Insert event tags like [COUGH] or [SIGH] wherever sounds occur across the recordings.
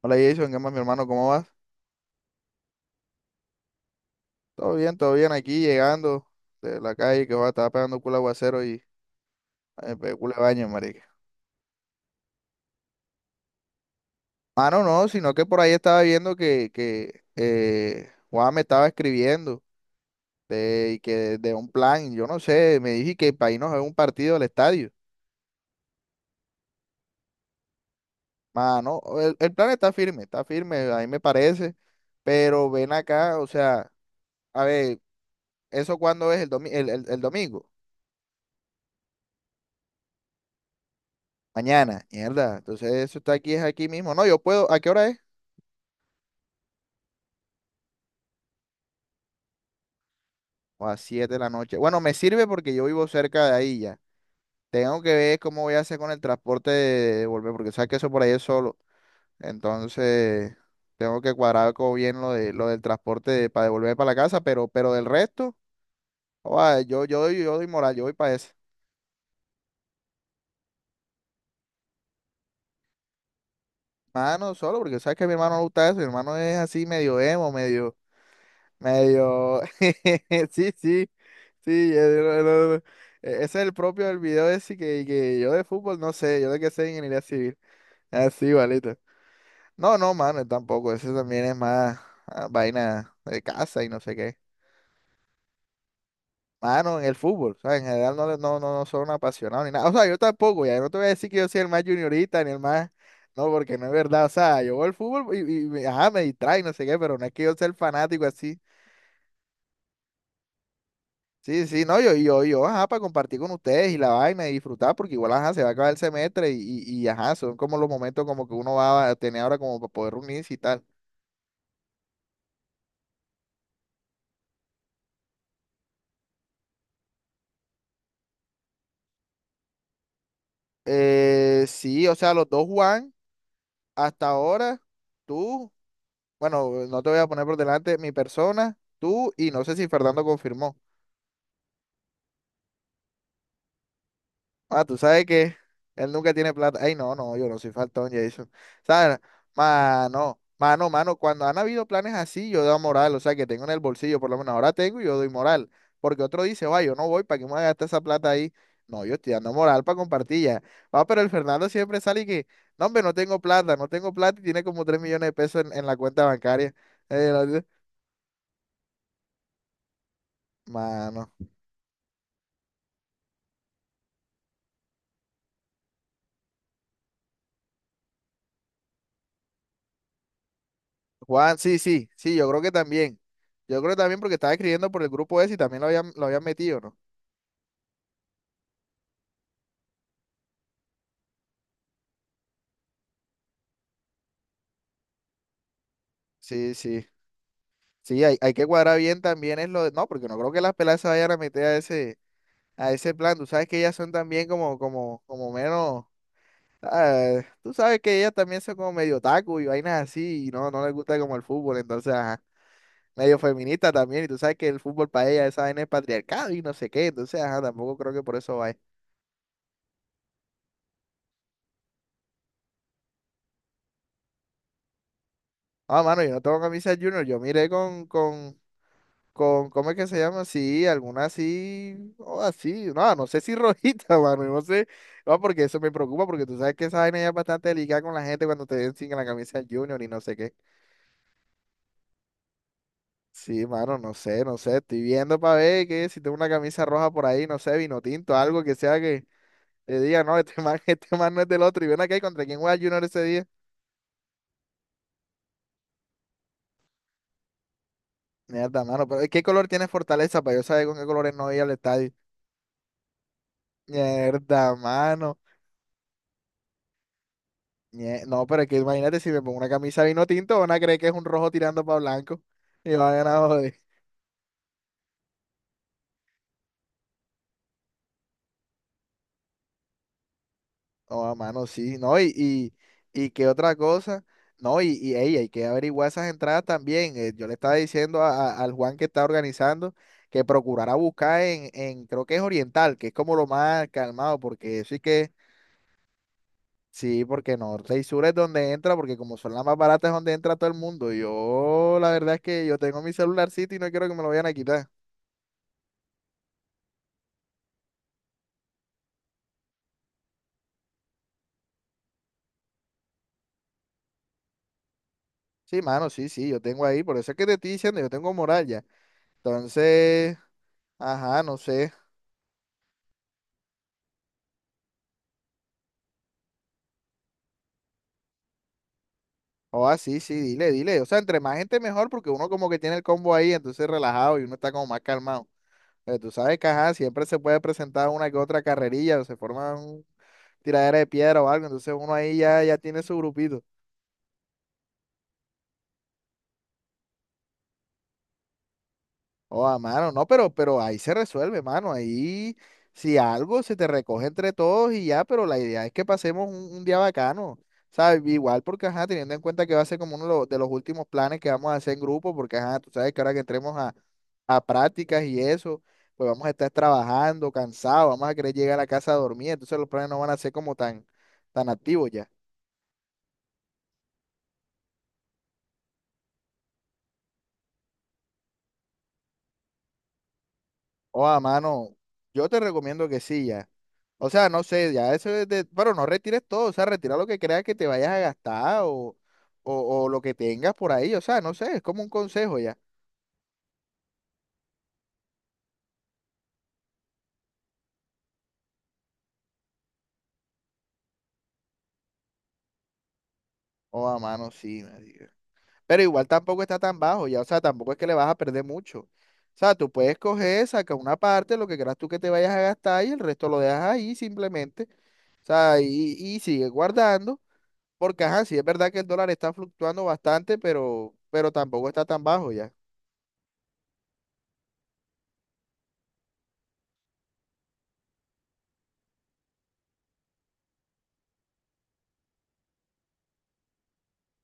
Hola Jason, ¿qué más mi hermano? ¿Cómo vas? Todo bien aquí llegando de la calle que va, estaba pegando culo aguacero y ay, me pegué culo de baño, marica. Ah, no, no, sino que por ahí estaba viendo que Juan me estaba escribiendo de, y que de un plan, yo no sé, me dije que para irnos a un partido al estadio. Mano, el plan está firme, a mí me parece, pero ven acá, o sea, a ver, ¿eso cuándo es el domingo? Mañana, mierda. Entonces eso está aquí, es aquí mismo. No, yo puedo, ¿a qué hora es? O a 7 de la noche. Bueno, me sirve porque yo vivo cerca de ahí ya. Tengo que ver cómo voy a hacer con el transporte de volver, porque sabes que eso por ahí es solo. Entonces, tengo que cuadrar como bien lo de lo del transporte de- para devolver para la casa, pero del resto, joda, yo doy moral, yo voy para eso. Mano, solo porque sabes que a mi hermano no le gusta eso, mi hermano es así medio emo, medio, medio, [LAUGHS] sí, sí, sí, no, no, no. E- ese es el propio del video ese que yo de fútbol no sé, yo de que sé ingeniería civil. Así, igualito. No, no, mano, tampoco. Eso también es más vaina de casa y no sé qué. Mano, en el fútbol, ¿sabes? En general no, le- no, no, no soy un apasionado ni nada. O sea, yo tampoco, ya. No te voy a decir que yo soy el más juniorita ni el más. No, porque no es verdad. O sea, yo veo el fútbol y me- ajá, me distrae, no sé qué, pero no es que yo sea el fanático así. Sí, sí, no, yo, ajá, para compartir con ustedes y la vaina y disfrutar, porque igual, ajá, se va a acabar el semestre y, ajá, son como los momentos como que uno va a tener ahora como para poder reunirse y tal. Sí, o sea, los dos Juan, hasta ahora, tú, bueno, no te voy a poner por delante mi persona, tú y no sé si Fernando confirmó. Ah, tú sabes que él nunca tiene plata. Ay, no, no, yo no soy faltón, Jason. ¿Sabes? Mano, mano, mano, cuando han habido planes así, yo doy moral, o sea, que tengo en el bolsillo, por lo menos ahora tengo y yo doy moral. Porque otro dice, va, yo no voy, ¿para qué me voy a gastar esa plata ahí? No, yo estoy dando moral para compartir ya. Va, pero el Fernando siempre sale y que, no, hombre, no tengo plata, no tengo plata y tiene como 3 millones de pesos en la cuenta bancaria. Eh, la- Mano. Juan, sí, sí, sí, yo creo que también. Yo creo que también porque estaba escribiendo por el grupo ese y también lo habían metido, ¿no? Sí, sí. Sí, hay que cuadrar bien también es lo de... No, porque no creo que las peladas se vayan a meter a ese plan. Tú sabes que ellas son también como, como, como menos... ah, tú sabes que ellas también son como medio taco y vainas así y no, no les gusta como el fútbol. Entonces, ajá, medio feminista también. Y tú sabes que el fútbol para ellas esa vaina es patriarcado y no sé qué. Entonces, ajá, tampoco creo que por eso vaya. Ah, mano, yo no tengo camisa Junior. Yo miré con, ¿cómo es que se llama? Sí, alguna así, o así, no, no sé si rojita, [LAUGHS] mano, no sé, no, porque eso me preocupa, porque tú sabes que esa vaina ya es bastante delicada con la gente cuando te ven sin la camisa del Junior y no sé qué. Sí, mano, no sé, no sé, estoy viendo para ver que si tengo una camisa roja por ahí, no sé, vino tinto, algo que sea que te diga, no, este man, [LAUGHS] este man no es del otro, y ven acá y contra quién juega Junior ese día. Mierda, mano, pero ¿qué color tiene Fortaleza para yo saber con qué colores no voy a ir al estadio? Mierda, mano. Ñe, no, pero es que imagínate si me pongo una camisa vino tinto, van a creer que es un rojo tirando para blanco. [LAUGHS] Y van a joder. No, a mano, sí. No, y qué otra cosa. No, y ey, hay que averiguar esas entradas también. Yo le estaba diciendo a- al Juan que está organizando que procurara buscar en, creo que es Oriental, que es como lo más calmado, porque sí que, sí, porque Norte y Sur es donde entra, porque como son las más baratas es donde entra todo el mundo. Yo, la verdad es que yo tengo mi celularcito y no quiero que me lo vayan a quitar. Sí, mano, sí, sí, yo tengo ahí, por eso es que te estoy diciendo, yo tengo moral ya. Entonces, ajá, no sé. O ah, sí, sí, dile, dile. O sea, entre más gente mejor, porque uno como que tiene el combo ahí, entonces relajado y uno está como más calmado. Pero tú sabes que, ajá, siempre se puede presentar una que otra carrerilla o se forma un tiradera de piedra o algo, entonces uno ahí ya, ya tiene su grupito. Oh, a mano, no, pero ahí se resuelve, mano. Ahí, si algo, se te recoge entre todos y ya, pero la idea es que pasemos un día bacano, ¿sabes? Igual porque, ajá, teniendo en cuenta que va a ser como uno de los últimos planes que vamos a hacer en grupo, porque, ajá, tú sabes que ahora que entremos a prácticas y eso, pues vamos a estar trabajando, cansados, vamos a querer llegar a la casa a dormir, entonces los planes no van a ser como tan, tan activos ya. Oh, a mano, yo te recomiendo que sí, ya. O sea, no sé, ya eso es de, bueno, no retires todo, o sea, retira lo que creas que te vayas a gastar o lo que tengas por ahí, o sea, no sé, es como un consejo ya. O a mano, sí, marica. Pero igual tampoco está tan bajo ya, o sea, tampoco es que le vas a perder mucho. O sea, tú puedes coger, saca una parte, lo que creas tú que te vayas a gastar y el resto lo dejas ahí simplemente, o sea, y sigue guardando, porque ajá, sí es verdad que el dólar está fluctuando bastante, pero tampoco está tan bajo ya.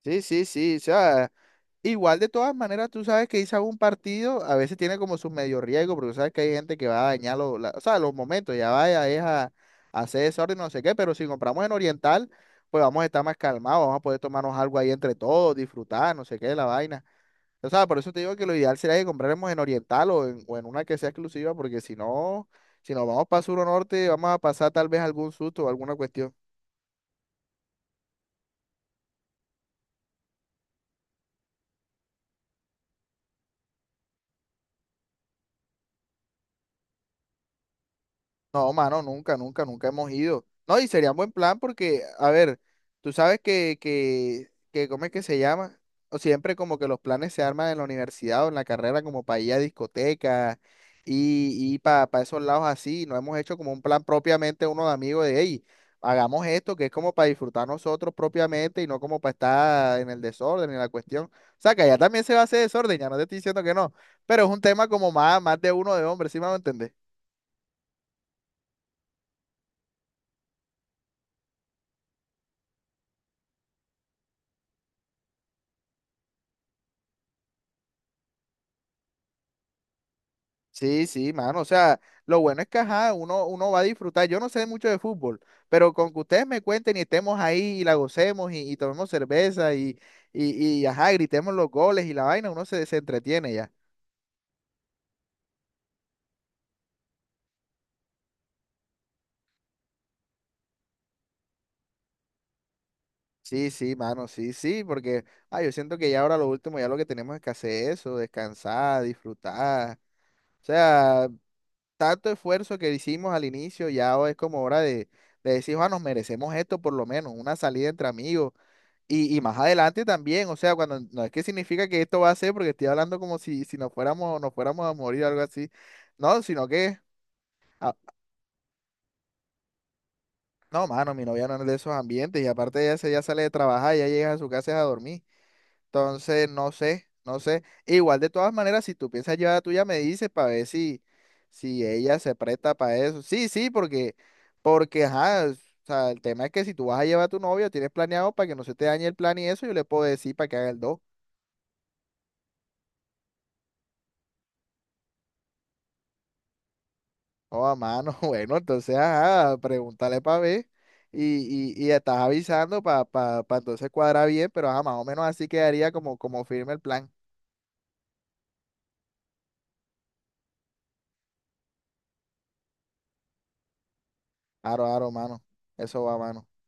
Sí, sí, sí, o sea, igual de todas maneras, tú sabes que irse a un partido a veces tiene como su medio riesgo, porque sabes que hay gente que va a dañar los, la- o sea, los momentos, ya vaya, es a hacer desorden, no sé qué, pero si compramos en Oriental, pues vamos a estar más calmados, vamos a poder tomarnos algo ahí entre todos, disfrutar, no sé qué, la vaina. O sea, por eso te digo que lo ideal sería que compráramos en Oriental o en una que sea exclusiva, porque si no, si nos vamos para Sur o Norte, vamos a pasar tal vez algún susto o alguna cuestión. No, mano, nunca, nunca, nunca hemos ido. No, y sería un buen plan porque, a ver, tú sabes que, ¿cómo es que se llama? O siempre como que los planes se arman en la universidad o en la carrera como para ir a discotecas y para esos lados así. No hemos hecho como un plan propiamente uno de amigos de, hey, hagamos esto que es como para disfrutar nosotros propiamente y no como para estar en el desorden, en la cuestión. O sea, que allá también se va a hacer desorden, ya no te estoy diciendo que no, pero es un tema como más, más de uno de hombres, ¿sí me van a entender? Sí, sí, mano. O sea, lo bueno es que ajá, uno, uno va a disfrutar. Yo no sé mucho de fútbol, pero con que ustedes me cuenten y estemos ahí y la gocemos y tomemos cerveza y ajá, gritemos los goles y la vaina, uno se, se entretiene ya. Sí, sí, mano, sí, sí, porque yo siento que ya ahora lo último, ya lo que tenemos es que hacer eso, descansar, disfrutar. O sea, tanto esfuerzo que hicimos al inicio, ya es como hora de decir, ah, nos merecemos esto por lo menos, una salida entre amigos. Y más adelante también, o sea, cuando no es que significa que esto va a ser, porque estoy hablando como si, si nos fuéramos, nos fuéramos a morir o algo así. No, sino que, ah, no, mano, mi novia no es de esos ambientes, y aparte ella se ya sale de trabajar, ya llega a su casa es a dormir. Entonces, no sé, no sé. Igual de todas maneras, si tú piensas llevar a la tuya, me dices para ver si, si ella se presta para eso. Sí, sí, porque, porque, ajá, o sea, el tema es que si tú vas a llevar a tu novia, tienes planeado para que no se te dañe el plan y eso, yo le puedo decir para que haga el dos. Oh, a mano, [LAUGHS] bueno, entonces, ajá, pregúntale para ver. Y estás avisando para pa, pa pa entonces cuadrar bien, pero ajá, más o menos así quedaría como, como firme el plan. Aro, aro, mano. Eso va, mano.